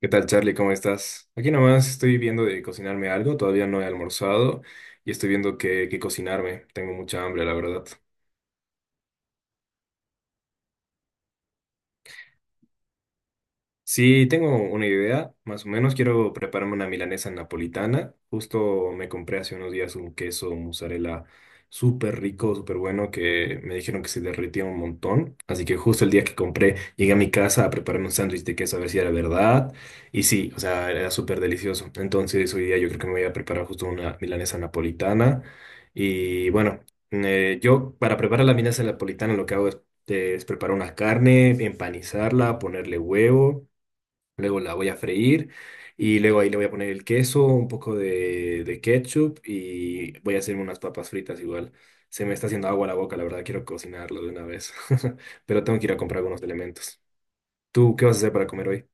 ¿Qué tal, Charlie? ¿Cómo estás? Aquí nomás estoy viendo de cocinarme algo, todavía no he almorzado y estoy viendo qué cocinarme. Tengo mucha hambre, la verdad. Sí, tengo una idea, más o menos quiero prepararme una milanesa napolitana. Justo me compré hace unos días un queso mozzarella súper rico, súper bueno, que me dijeron que se derretía un montón. Así que justo el día que compré, llegué a mi casa a prepararme un sándwich de queso a ver si era verdad. Y sí, o sea, era súper delicioso. Entonces hoy día yo creo que me voy a preparar justo una milanesa napolitana. Y bueno, yo para preparar la milanesa napolitana lo que hago es preparar una carne, empanizarla, ponerle huevo. Luego la voy a freír y luego ahí le voy a poner el queso, un poco de ketchup y voy a hacer unas papas fritas igual. Se me está haciendo agua la boca, la verdad, quiero cocinarlo de una vez, pero tengo que ir a comprar algunos elementos. ¿Tú qué vas a hacer para comer hoy?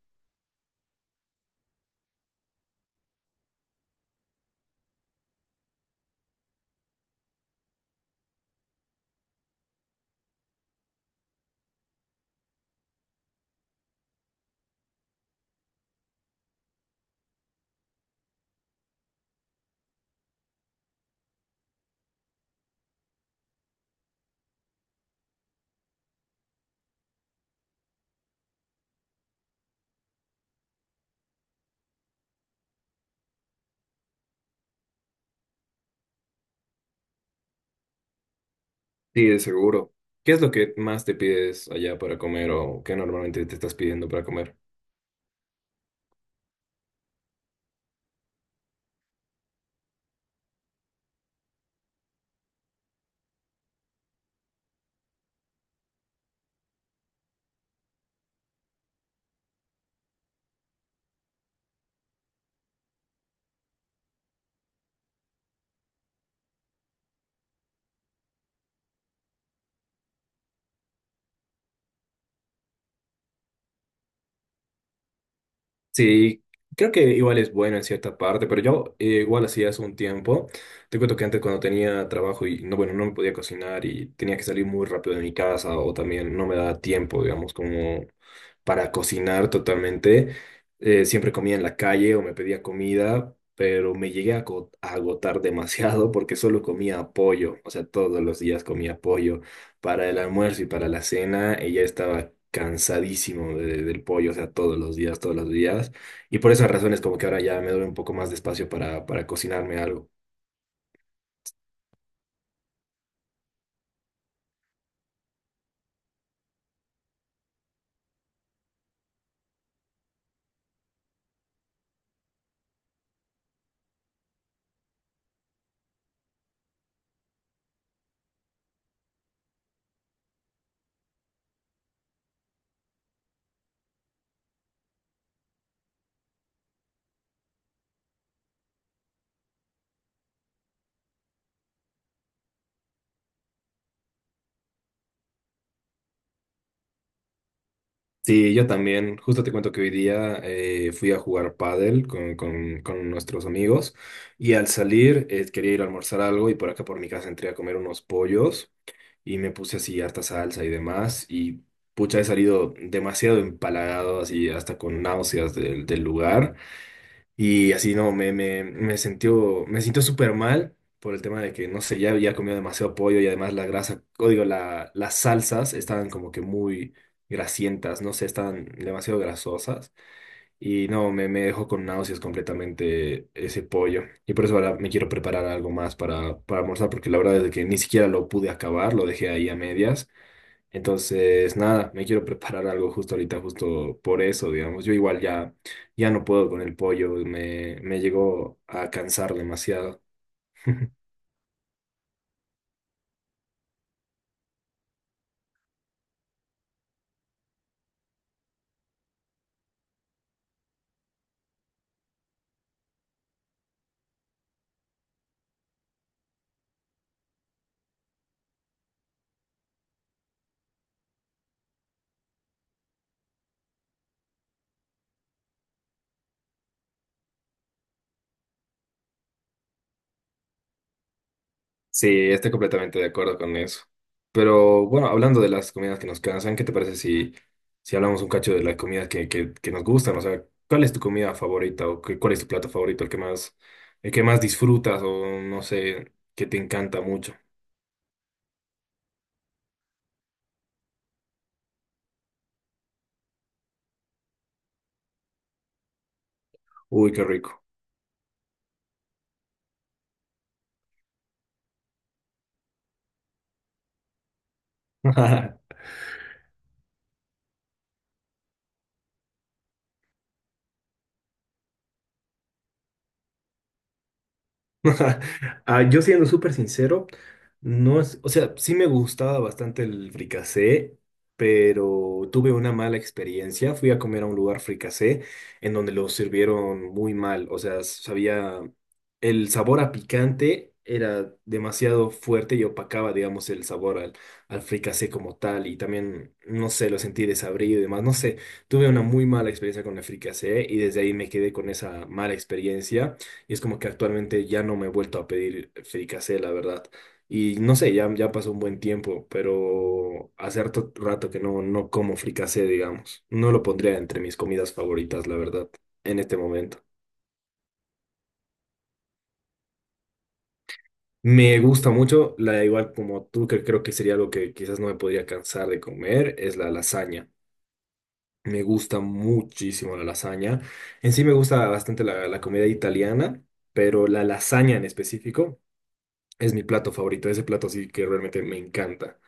Sí, de seguro. ¿Qué es lo que más te pides allá para comer o qué normalmente te estás pidiendo para comer? Sí, creo que igual es bueno en cierta parte, pero yo igual hacía hace un tiempo. Te cuento que antes cuando tenía trabajo y no, bueno, no me podía cocinar y tenía que salir muy rápido de mi casa o también no me daba tiempo, digamos, como para cocinar totalmente. Siempre comía en la calle o me pedía comida, pero me llegué a agotar demasiado porque solo comía pollo, o sea, todos los días comía pollo. Para el almuerzo y para la cena, ella estaba cansadísimo del pollo, o sea, todos los días, todos los días. Y por esas razones, como que ahora ya me doy un poco más de espacio para cocinarme algo. Sí, yo también. Justo te cuento que hoy día fui a jugar pádel con nuestros amigos y al salir quería ir a almorzar algo y por acá por mi casa entré a comer unos pollos y me puse así harta salsa y demás y pucha, he salido demasiado empalagado, así hasta con náuseas del lugar. Y así, no, me sintió súper mal por el tema de que, no sé, ya había comido demasiado pollo y además la grasa, o digo, las salsas estaban como que muy grasientas, no sé, estaban demasiado grasosas. Y no, me dejó con náuseas completamente ese pollo. Y por eso ahora me quiero preparar algo más para almorzar, porque la verdad es de que ni siquiera lo pude acabar, lo dejé ahí a medias. Entonces, nada, me quiero preparar algo justo ahorita, justo por eso, digamos. Yo igual ya no puedo con el pollo, me llegó a cansar demasiado. Sí, estoy completamente de acuerdo con eso. Pero bueno, hablando de las comidas que nos cansan, ¿qué te parece si hablamos un cacho de las comidas que nos gustan? O sea, ¿cuál es tu comida favorita o cuál es tu plato favorito, el que más disfrutas o no sé, que te encanta mucho? Uy, qué rico. Ah, yo siendo súper sincero, no es, o sea, sí me gustaba bastante el fricasé, pero tuve una mala experiencia. Fui a comer a un lugar fricasé en donde lo sirvieron muy mal. O sea, sabía, el sabor a picante era demasiado fuerte y opacaba, digamos, al fricasé como tal. Y también, no sé, lo sentí desabrido y demás. No sé, tuve una muy mala experiencia con el fricasé y desde ahí me quedé con esa mala experiencia. Y es como que actualmente ya no me he vuelto a pedir fricasé, la verdad. Y no sé, ya pasó un buen tiempo, pero hace harto rato que no como fricasé, digamos. No lo pondría entre mis comidas favoritas, la verdad, en este momento. Me gusta mucho, la igual como tú, que creo que sería algo que quizás no me podría cansar de comer, es la lasaña. Me gusta muchísimo la lasaña. En sí me gusta bastante la comida italiana, pero la lasaña en específico. Es mi plato favorito, ese plato sí que realmente me encanta.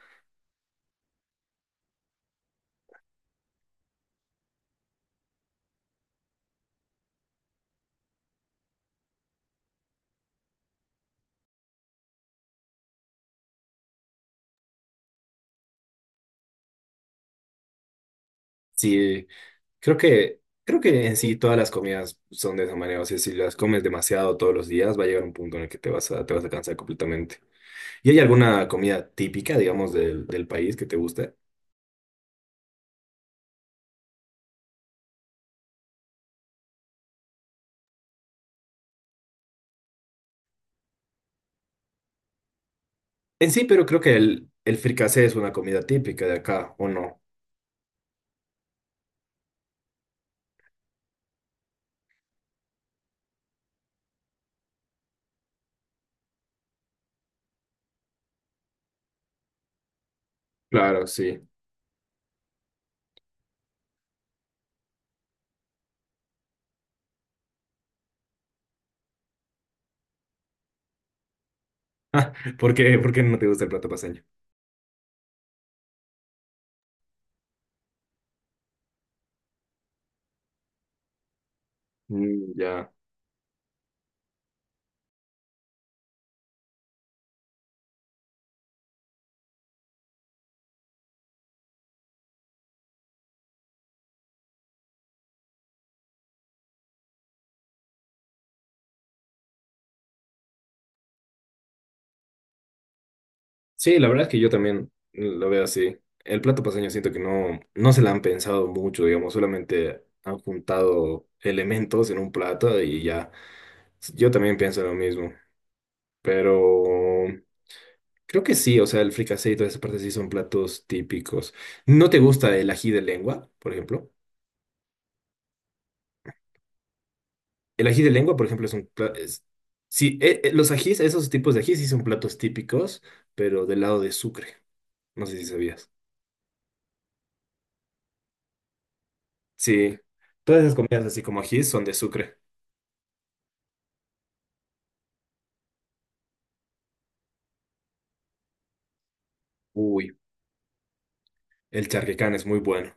Sí, creo que en sí todas las comidas son de esa manera. O sea, si las comes demasiado todos los días, va a llegar un punto en el que te vas a cansar completamente. ¿Y hay alguna comida típica, digamos, del país que te guste? En sí, pero creo que el fricasé es una comida típica de acá, ¿o no? Claro, sí. Por qué no te gusta el plato paceño? Mm, ya. Sí, la verdad es que yo también lo veo así. El plato paceño siento que no, no se la han pensado mucho, digamos, solamente han juntado elementos en un plato y ya. Yo también pienso lo mismo, pero creo que sí, o sea, el fricasé y toda esa parte sí son platos típicos. ¿No te gusta el ají de lengua, por ejemplo? El ají de lengua, por ejemplo, es un plato... Sí, los ajís, esos tipos de ajís sí son platos típicos, pero del lado de Sucre. No sé si sabías. Sí, todas esas comidas así como ají son de Sucre. Uy, el charquecán es muy bueno.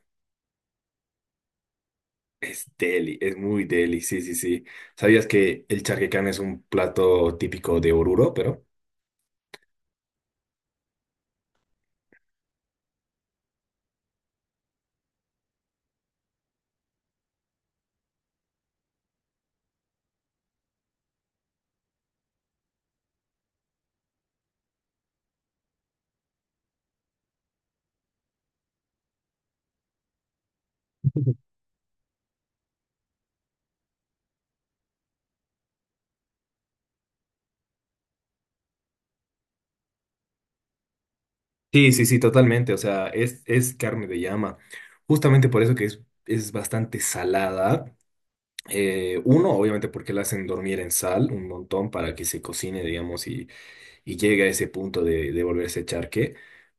Es deli, es muy deli, sí, sí, sí. ¿Sabías que el charquecán es un plato típico de Oruro, pero? Sí, sí, sí, totalmente. O sea, es carne de llama. Justamente por eso que es bastante salada. Uno, obviamente porque la hacen dormir en sal un montón para que se cocine, digamos, y llega a ese punto de volverse charque,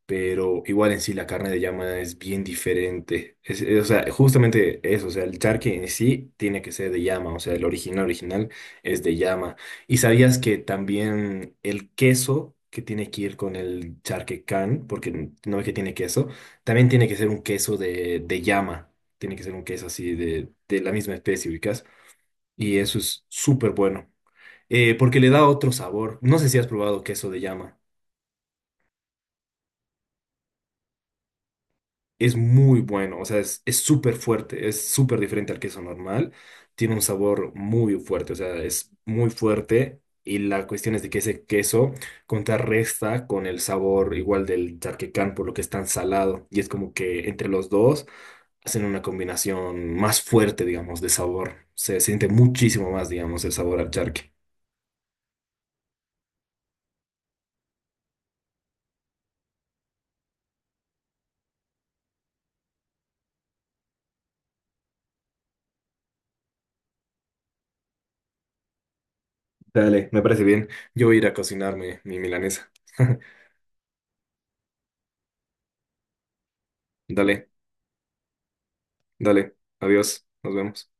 pero igual en sí la carne de llama es bien diferente. O sea, justamente eso, o sea, el charque en sí tiene que ser de llama, o sea, el original original es de llama. ¿Y sabías que también el queso que tiene que ir con el charque can, porque no es que tiene queso, también tiene que ser un queso de llama, tiene que ser un queso así de la misma especie, ubicas, y eso es súper bueno. Eh, porque le da otro sabor. No sé si has probado queso de llama. Es muy bueno, o sea, es súper fuerte, es súper diferente al queso normal, tiene un sabor muy fuerte, o sea, es muy fuerte y la cuestión es de que ese queso contrarresta con el sabor igual del charquecán, por lo que es tan salado y es como que entre los dos hacen una combinación más fuerte, digamos, de sabor, se siente muchísimo más, digamos, el sabor al charque. Dale, me parece bien. Yo voy a ir a cocinarme mi milanesa. Dale, dale. Adiós. Nos vemos.